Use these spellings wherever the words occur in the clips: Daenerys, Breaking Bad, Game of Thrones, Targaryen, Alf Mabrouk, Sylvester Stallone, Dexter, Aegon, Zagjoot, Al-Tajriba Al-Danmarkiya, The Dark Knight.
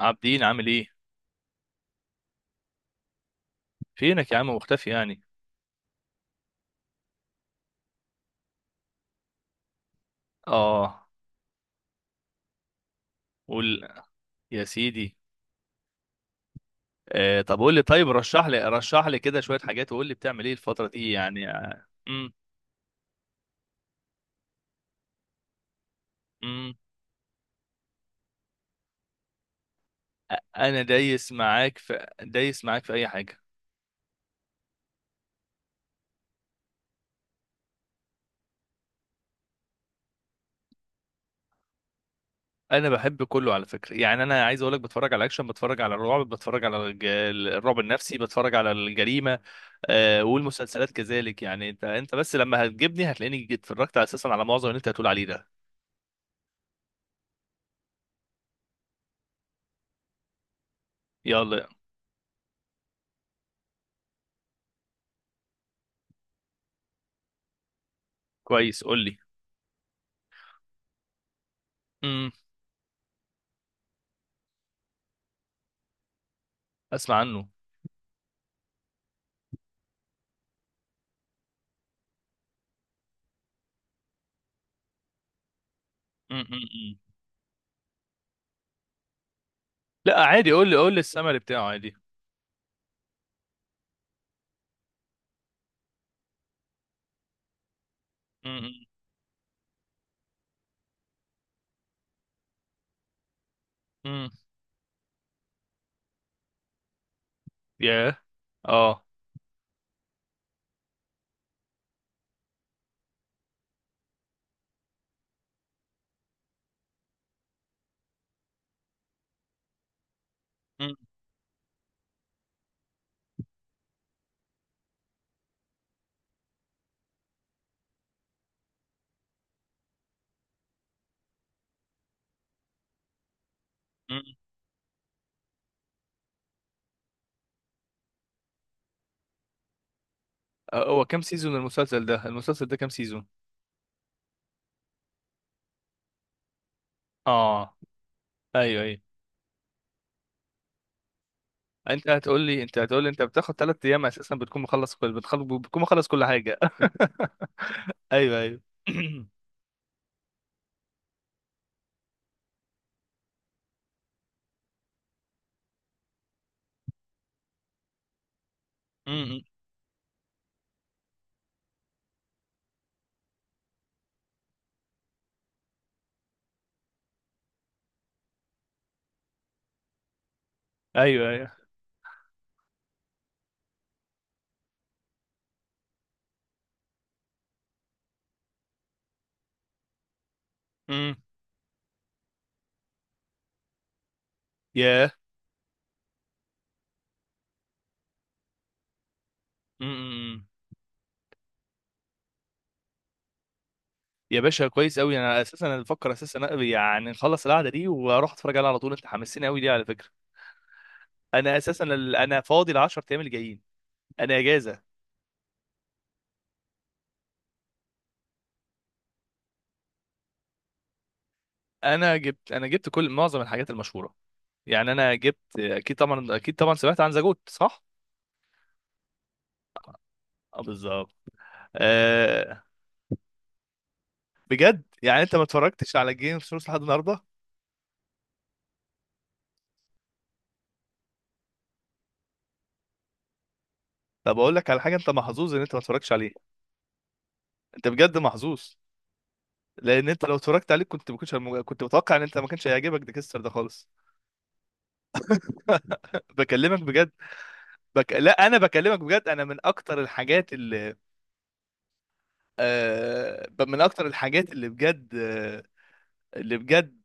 عابدين، عامل ايه؟ فينك يا عم؟ مختفي يعني؟ اه. قول يا سيدي. طب قول لي، طيب رشح لي كده شويه حاجات، وقول لي بتعمل ايه الفتره دي يعني؟ امم. امم. انا دايس معاك في اي حاجه. انا بحب كله على فكره. يعني انا عايز اقول لك، بتفرج على اكشن، بتفرج على الرعب، بتفرج على الرعب النفسي، بتفرج على الجريمه. والمسلسلات كذلك. يعني انت بس لما هتجيبني هتلاقيني اتفرجت اساسا على معظم اللي انت هتقول عليه ده. يلا. كويس، قول لي. اسمع عنه. م. لا عادي، قول لي السمري بتاعه عادي. م- م- م. ياه. اه. م- م. هو كام سيزون المسلسل ده؟ المسلسل ده كام سيزون؟ اه. ايوه، ايوه. انت هتقول لي انت بتاخد ثلاث ايام اساسا بتكون مخلص كل حاجه. ايوه، ايوه. م- م. ايوه، ايوه. م. ياه. م- م. يا باشا، كويس قوي. انا اساسا انا بفكر اساسا أنا- يعني نخلص القعده دي واروح اتفرج عليها على طول، انت حمسني قوي دي على فكره. انا فاضي ال 10 ايام اللي جايين. انا اجازه. انا جبت معظم الحاجات المشهوره. يعني انا جبت، اكيد طبعا، سمعت عن زاجوت صح؟ اه، بالظبط. آه. بجد؟ يعني انت ما اتفرجتش على جيم اوف ثرونز لحد النهارده؟ طب اقول لك على حاجه، انت محظوظ ان انت ما اتفرجتش عليه. انت بجد محظوظ. لان انت لو اتفرجت عليه كنت متوقع ان انت ما كانش هيعجبك ديكستر ده خالص. بكلمك بجد. لا انا بكلمك بجد. انا من اكتر الحاجات اللي من اكتر الحاجات اللي بجد، اللي بجد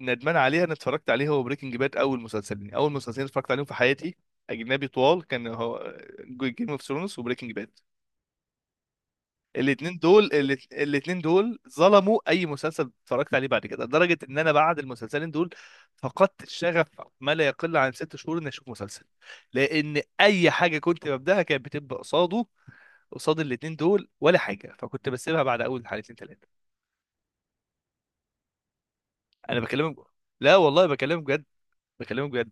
ندمان عليه انا اتفرجت عليه هو بريكنج باد. اول مسلسلين اتفرجت عليهم في حياتي اجنبي طوال كان هو جيم اوف ثرونز وبريكنج باد. الاتنين دول ظلموا اي مسلسل اتفرجت عليه بعد كده، لدرجه ان انا بعد المسلسلين دول فقدت الشغف ما لا يقل عن 6 شهور اني اشوف مسلسل، لان اي حاجه كنت ببداها كانت بتبقى قصاد الاتنين دول ولا حاجه، فكنت بسيبها بعد اول حلقتين ثلاثه. انا بكلمك. لا والله، بكلمك بجد. بكلمك بجد.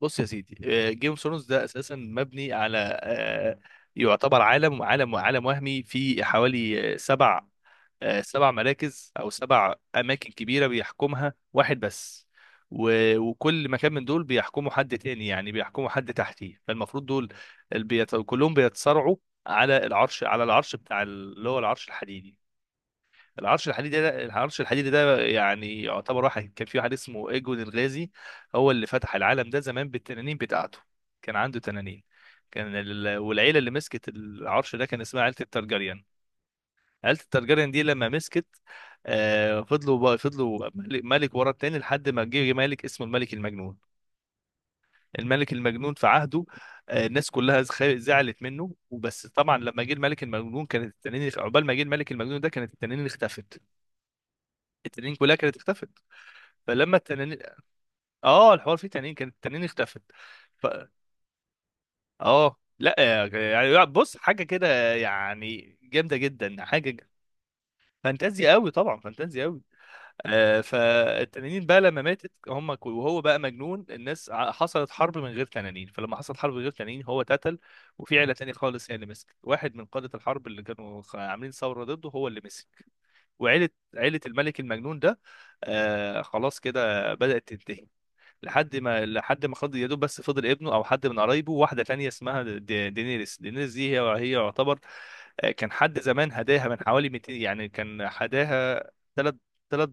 بص يا سيدي، جيم اوف ثرونز ده اساسا مبني على يعتبر عالم وهمي في حوالي سبع مراكز او سبع اماكن كبيره بيحكمها واحد بس. وكل مكان من دول بيحكمه حد تاني، يعني بيحكمه حد تحتيه. فالمفروض دول كلهم بيتصارعوا على العرش بتاع اللي هو العرش الحديدي. العرش الحديدي ده يعني يعتبر... كان في واحد اسمه ايجون الغازي. هو اللي فتح العالم ده زمان بالتنانين بتاعته، كان عنده تنانين. والعيله اللي مسكت العرش ده كان اسمها عيله الترجريان. عيله الترجريان دي لما مسكت، فضلوا ملك ملك ورا التاني لحد ما جه ملك اسمه الملك المجنون. الملك المجنون، في عهده الناس كلها زعلت منه وبس. طبعا لما جه الملك المجنون كانت التنانين، عقبال ما جه الملك المجنون ده كانت التنانين اختفت. التنانين كلها كانت اختفت. فلما التنانين... اه، الحوار فيه تنانين، كانت التنانين اختفت. ف... اه لا، يعني بص، حاجه كده يعني جامده جدا، حاجه فانتازيا قوي طبعا، فانتازيا قوي. فالتنانين بقى لما ماتت وهو بقى مجنون، حصلت حرب من غير تنانين. فلما حصلت حرب من غير تنانين هو اتقتل. وفي عيله تانية خالص هي اللي مسكت. واحد من قاده الحرب اللي كانوا عاملين ثوره ضده هو اللي مسك. وعيله الملك المجنون ده. خلاص كده بدأت تنتهي. لحد ما خد يا دوب، بس فضل ابنه او حد من قرايبه، واحده تانية اسمها دينيريس دي هي يعتبر... كان حد زمان هداها من حوالي 200، يعني كان هداها ثلاث ثلاث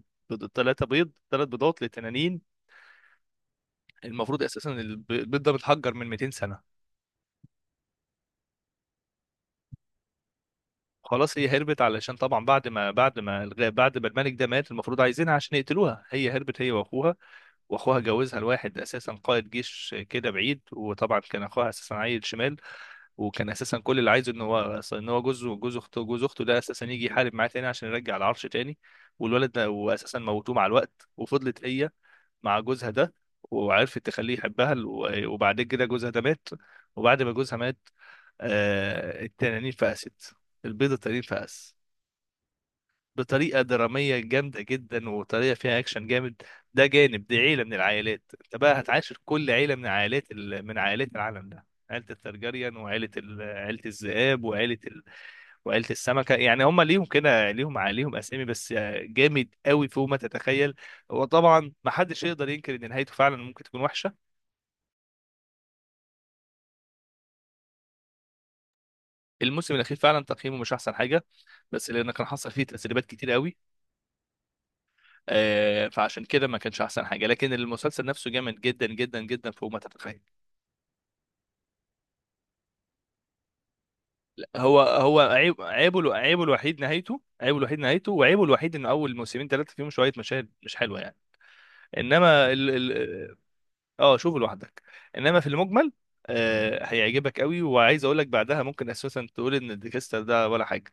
ثلاثه بيض، ثلاث بيضات لتنانين. المفروض اساسا البيض ده متحجر من 200 سنه. خلاص، هي هربت علشان طبعا بعد ما الملك ده مات المفروض عايزينها عشان يقتلوها. هي هربت، هي واخوها. واخوها جوزها لواحد اساسا قائد جيش كده بعيد، وطبعا كان اخوها اساسا عيل شمال. وكان اساسا كل اللي عايزه ان هو جوز اخته ده اساسا يجي يحارب معاه تاني عشان يرجع العرش تاني. والولد ده واساسا موتوه مع الوقت وفضلت هي مع جوزها ده. وعرفت تخليه يحبها، وبعد كده جوزها ده مات. وبعد ما جوزها مات التنانين فقست. البيضة التنين فقس بطريقه دراميه جامده جدا وطريقه فيها اكشن جامد. ده جانب. دي عيله من العائلات، انت بقى هتعاشر كل عيله من عائلات من عائلات العالم ده، عيله الترجريان وعيله عيله الذئاب وعيله وعيله السمكه. يعني هم ليهم كده ليهم ع- ليهم اسامي بس جامد قوي فوق ما تتخيل. وطبعا ما حدش يقدر ينكر ان نهايته فعلا ممكن تكون وحشه. الموسم الاخير فعلا تقييمه مش احسن حاجه، بس لان كان حصل فيه تسريبات كتير قوي. فعشان كده ما كانش احسن حاجه. لكن المسلسل نفسه جامد جدا جدا جدا فوق ما تتخيل. لا، هو عيبه الوحيد نهايته، وعيبه الوحيد ان اول موسمين ثلاثه فيهم شويه مشاهد مش حلوه يعني. انما ال اه، شوفه لوحدك. انما في المجمل، هيعجبك قوي. وعايز اقول لك بعدها ممكن اساسا تقول ان ديكستر ده ولا حاجه.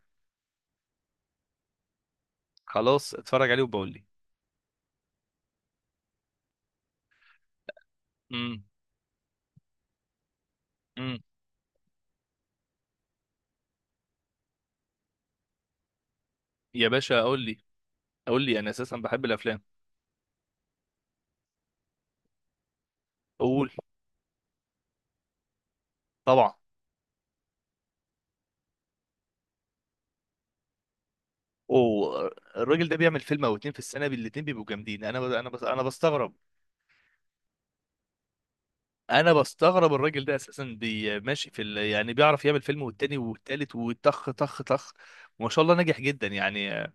خلاص، اتفرج عليه وبقول لي. امم. امم. يا باشا، قول لي. قول لي، انا اساسا بحب الافلام. قول. طبعا. اوه. الراجل ده بيعمل فيلم او اتنين في السنه، الاتنين بيبقوا جامدين. انا بستغرب. انا بستغرب، الراجل ده اساسا ماشي في يعني بيعرف يعمل فيلم والتاني والتالت وطخ طخ طخ وما شاء الله ناجح جدا يعني.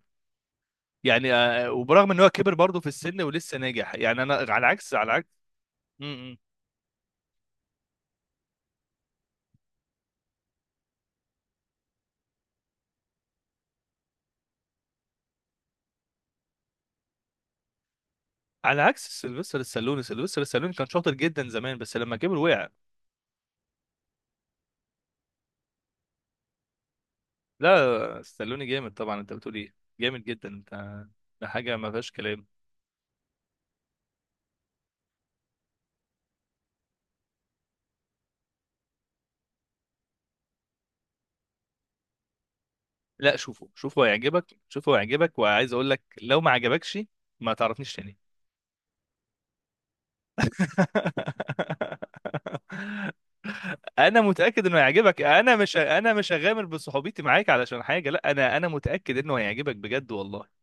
يعني وبرغم ان هو كبر برضه في السن ولسه ناجح. يعني انا على عكس... م -م. على عكس سيلفستر السالوني كان شاطر جدا زمان بس لما كبر وقع. لا، السالوني جامد طبعا، انت بتقول ايه؟ جامد جدا، انت. ده حاجه ما فيهاش كلام. لا، شوفه، شوفه هيعجبك، شوفه هيعجبك. وعايز اقول لك لو ما عجبكش ما تعرفنيش تاني. انا متاكد انه هيعجبك. انا مش هغامر بصحوبيتي معاك علشان حاجه. لا، انا متاكد انه هيعجبك بجد والله.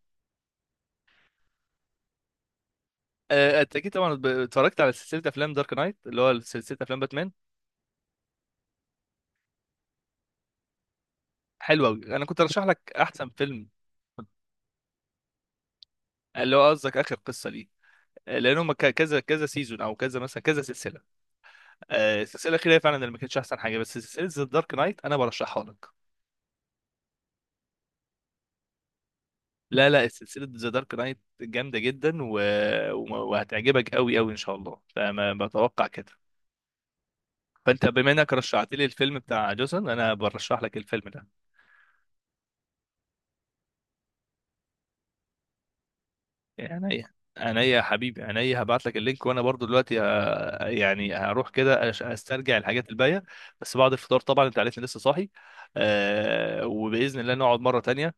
انت اكيد طبعا اتفرجت على سلسله افلام دارك نايت اللي هو سلسله افلام باتمان. حلوه قوي، انا كنت ارشح لك احسن فيلم. اللي هو قصدك اخر قصه، ليه؟ لان هم كذا كذا سيزون او كذا مثلا كذا سلسله. السلسله الاخيره فعلا اللي ما كانتش احسن حاجه. بس سلسله ذا دارك نايت انا برشحها لك. لا، لا، سلسله ذا دارك نايت جامده جدا، و- وهتعجبك قوي قوي ان شاء الله، فما بتوقع كده. فانت بما انك رشحت لي الفيلم بتاع جوسن، انا برشح لك الفيلم ده. عينيا، عينيا يا حبيبي، عينيا. هبعت لك اللينك، وانا برضو دلوقتي يعني هروح كده استرجع الحاجات الباقيه. بس بعد الفطار طبعا، انت عارفني لسه صاحي. وباذن الله نقعد مره تانية.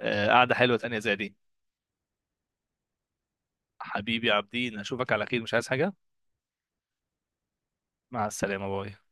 قعده حلوه تانية زي دي. حبيبي عابدين، اشوفك على خير، مش عايز حاجة. مع السلامة، باي.